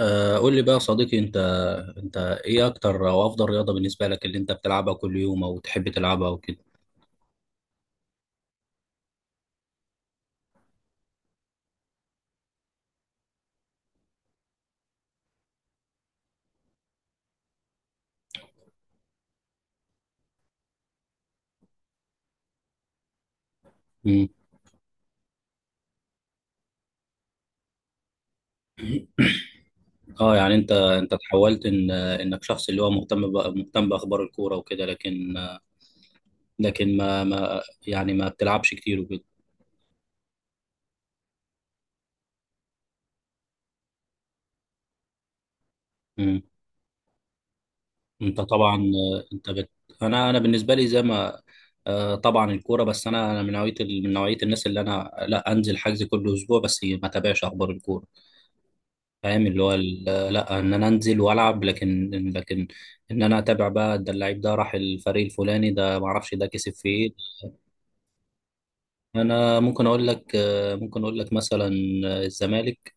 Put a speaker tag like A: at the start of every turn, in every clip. A: آه، قول لي بقى يا صديقي انت. انت ايه اكتر او افضل رياضة بالنسبة لك اللي انت بتلعبها كل يوم او تحب تلعبها وكده. مم. اه يعني انت تحولت ان انك شخص اللي هو مهتم بقى مهتم باخبار الكورة وكده، لكن لكن ما يعني ما بتلعبش كتير وكده. مم. انت طبعا انا بالنسبة لي زي ما طبعا الكورة، بس انا من من نوعية الناس اللي انا لا انزل حجز كل اسبوع بس ما تابعش اخبار الكورة، فاهم لا، ان انا انزل والعب، لكن لكن ان انا اتابع بقى ده اللعيب ده راح الفريق الفلاني، ده ما اعرفش ده كسب في ايه. انا ممكن اقول لك، ممكن اقول لك مثلا الزمالك.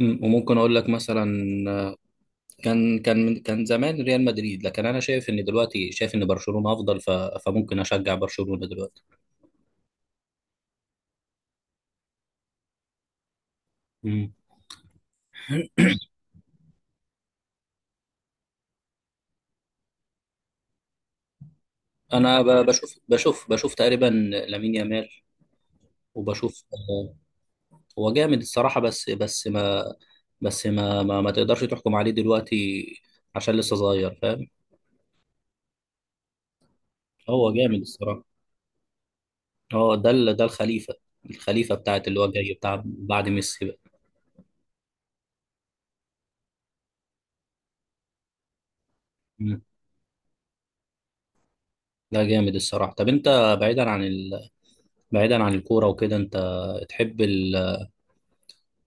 A: وممكن اقول لك مثلا كان زمان ريال مدريد، لكن انا شايف ان دلوقتي شايف ان برشلونة افضل، فممكن اشجع برشلونة دلوقتي. مم. انا بشوف تقريبا لامين يامال، وبشوف. هو جامد الصراحة، بس ما تقدرش تحكم عليه دلوقتي عشان لسه صغير، فاهم. هو جامد الصراحة. هو ده الخليفة، الخليفة بتاعت اللي هو جاي بتاع بعد ميسي بقى. مم. ده جامد الصراحة. طب انت بعيدا عن الكورة وكده، انت تحب ال...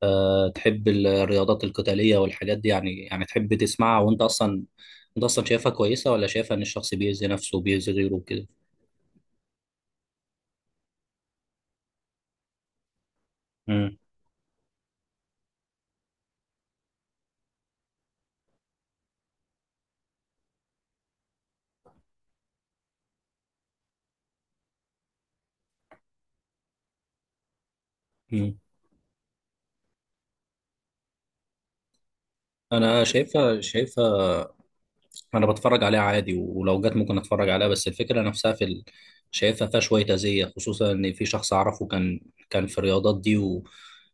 A: تحب الرياضات القتالية والحاجات دي، يعني يعني تحب تسمعها وانت اصلا، انت اصلا شايفها كويسة، ولا شايفها ان الشخص بيأذي نفسه وبيأذي غيره وكده؟ مم. مم. انا شايفها، انا بتفرج عليها عادي ولو جت ممكن اتفرج عليها، بس الفكره نفسها شايفها فيها شويه اذيه، خصوصا ان في شخص اعرفه كان، كان في الرياضات دي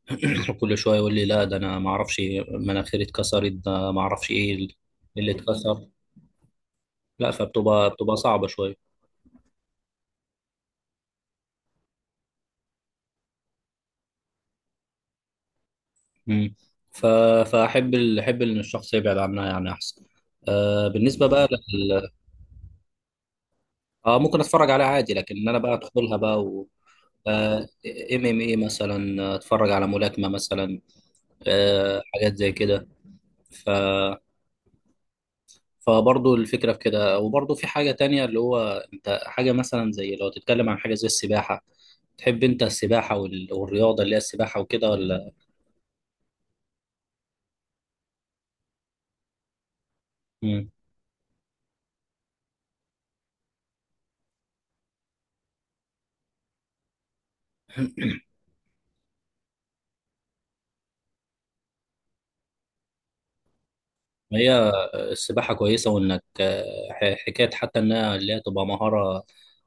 A: وكل شويه يقول لي لا ده انا ما اعرفش مناخيري اتكسرت ده ما اعرفش ايه إيه اللي اتكسر. لا، فبتبقى بتبقى صعبه شويه. مم. ف... احب ان الشخص يبعد عنها يعني احسن. آه بالنسبه بقى لل... اه ممكن اتفرج عليها عادي، لكن إن انا بقى ادخلها بقى. آه، إيه، ام ام اي مثلا، اتفرج على ملاكمه مثلا، حاجات زي كده. ف فبرضه الفكرة في كده. وبرضه في حاجة تانية اللي هو انت حاجة مثلا زي لو تتكلم عن حاجة زي السباحة، تحب انت والرياضة اللي هي السباحة وكده ولا؟ مم. هي السباحة كويسة، وانك حكاية حتى انها اللي هي تبقى مهارة،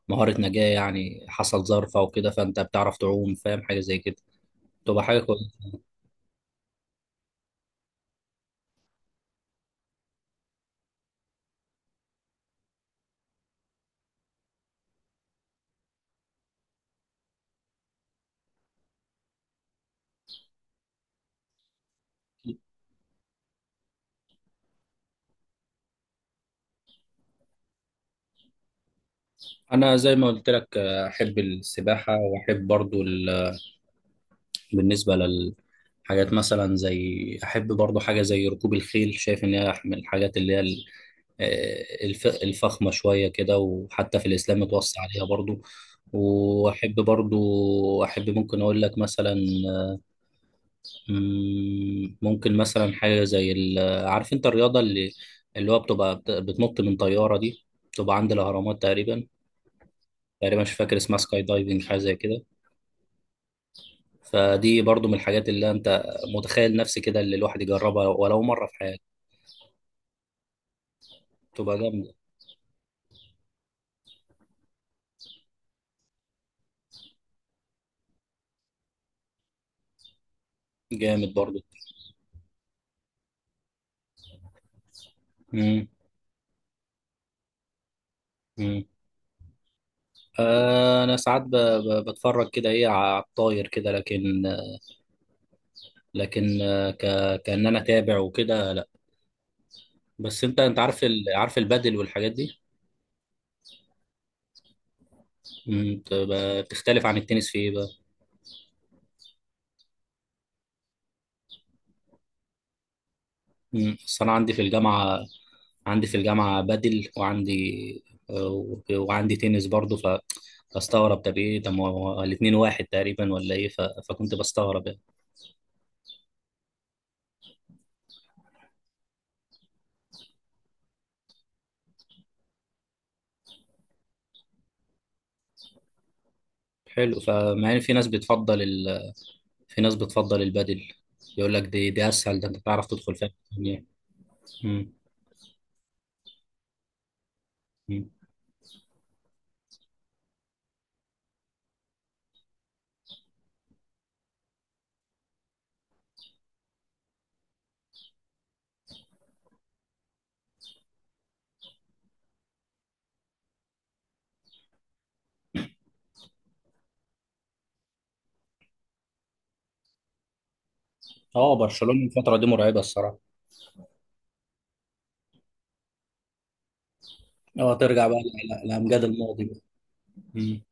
A: مهارة نجاة يعني، حصل ظرف او كده فانت بتعرف تعوم، فاهم، حاجة زي كده تبقى حاجة كويسة. انا زي ما قلت لك، احب السباحة، واحب برضه بالنسبة للحاجات مثلا زي أحب برضو حاجة زي ركوب الخيل، شايف إن هي من الحاجات اللي هي الفخمة شوية كده، وحتى في الإسلام متوصى عليها برضو. وأحب برضو، أحب ممكن أقول لك مثلا ممكن مثلا حاجة زي. عارف أنت الرياضة اللي اللي هو بتبقى بتنط من طيارة دي، بتبقى عند الأهرامات تقريبا، تقريبا مش فاكر اسمها، سكاي دايفنج حاجة زي كده. فدي برضو من الحاجات اللي انت متخيل نفسي كده اللي الواحد يجربها ولو مرة في حياته، تبقى جامدة. جامد برضو. مم. مم. انا ساعات بتفرج كده ايه على الطاير كده، لكن لكن كأن انا تابع وكده لا. بس انت انت عارف عارف البادل والحاجات دي. مم. بتختلف عن التنس في ايه بقى؟ مم. بس انا عندي في الجامعة، عندي في الجامعة بدل وعندي، وعندي تنس برضه، فاستغرب طب ايه، طب ما هو الاتنين واحد تقريبا ولا ايه، فكنت بستغرب يعني. حلو، فمع ان في ناس في ناس بتفضل البدل، يقول لك دي اسهل، ده انت تعرف تدخل فيها يعني. مم. مم. اه برشلونة الفترة دي مرعبة الصراحة. اه ترجع بقى لأمجاد الماضي بقى. مم.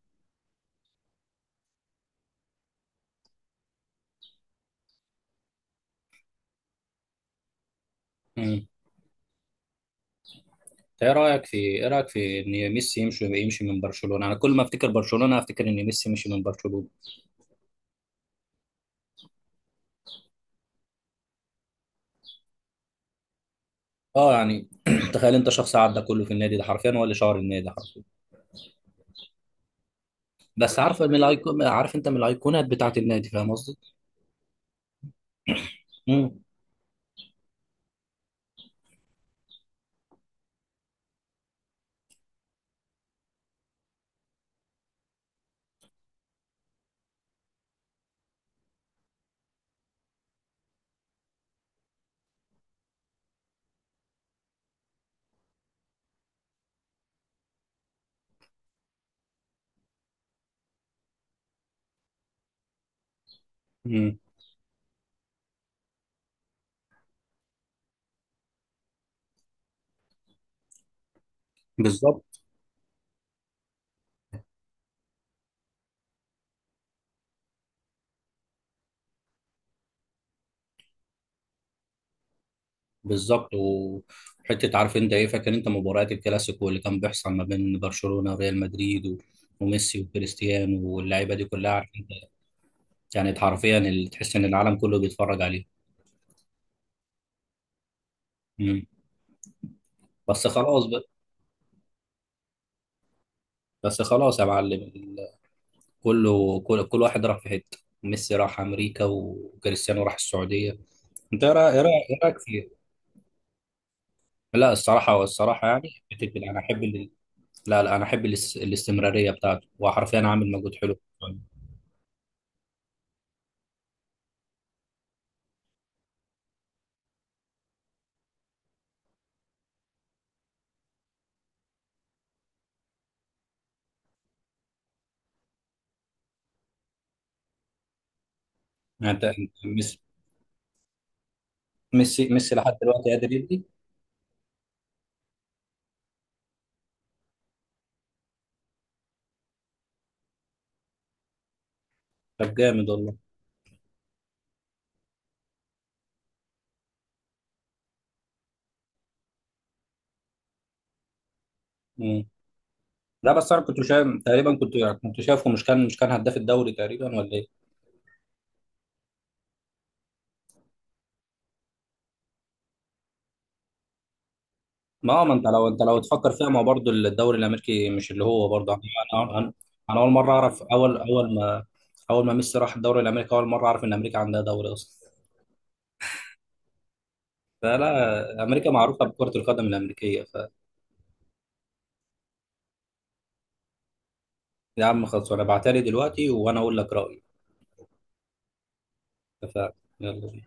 A: مم. إنت ايه رايك في ايه رايك في ان ميسي يمشي من برشلونة؟ انا كل ما افتكر برشلونة افتكر ان ميسي مشي من برشلونة. اه يعني تخيل انت شخص عدى كله في النادي ده، حرفيا هو اللي شهر النادي حرفيا. بس عارف من الايكون، عارف انت من الايقونات بتاعت النادي، فاهم قصدي؟ امم. امم. بالظبط. بالظبط. وحته عارف انت ايه، فاكر انت مباريات الكلاسيكو اللي كان بيحصل ما بين برشلونه وريال مدريد وميسي وكريستيانو واللعيبه دي كلها، عارف انت، كانت حرفيا اللي تحس ان العالم كله بيتفرج عليه. امم. بس خلاص بقى. بس خلاص يا معلم كله كل واحد راح في حته، ميسي راح امريكا وكريستيانو راح السعوديه. انت ايه رأ- إيه رأ- إيه رايك في، لا الصراحه والصراحه يعني بتفرق. انا لا لا انا الاستمراريه بتاعته، هو حرفيا عامل مجهود حلو. يعني انت أنت ميسي، ميسي ميسي لحد دلوقتي قادر يدي. طب جامد والله. مم. لا بس انا كنت شايف تقريبا، كنت كنت شايفه مش كان مش كان هداف الدوري تقريبا ولا ايه؟ ما هو، ما انت لو انت لو تفكر فيها ما هو برضه الدوري الامريكي مش اللي هو برضه انا، انا اول مره اعرف اول ما اول ما ميسي راح الدوري الامريكي، اول مره اعرف ان امريكا عندها دوري اصلا. فلا، امريكا معروفه بكره القدم الامريكيه فيا عم. خلاص وانا بعتلي دلوقتي وانا اقول لك رايي. اتفقنا. يلا.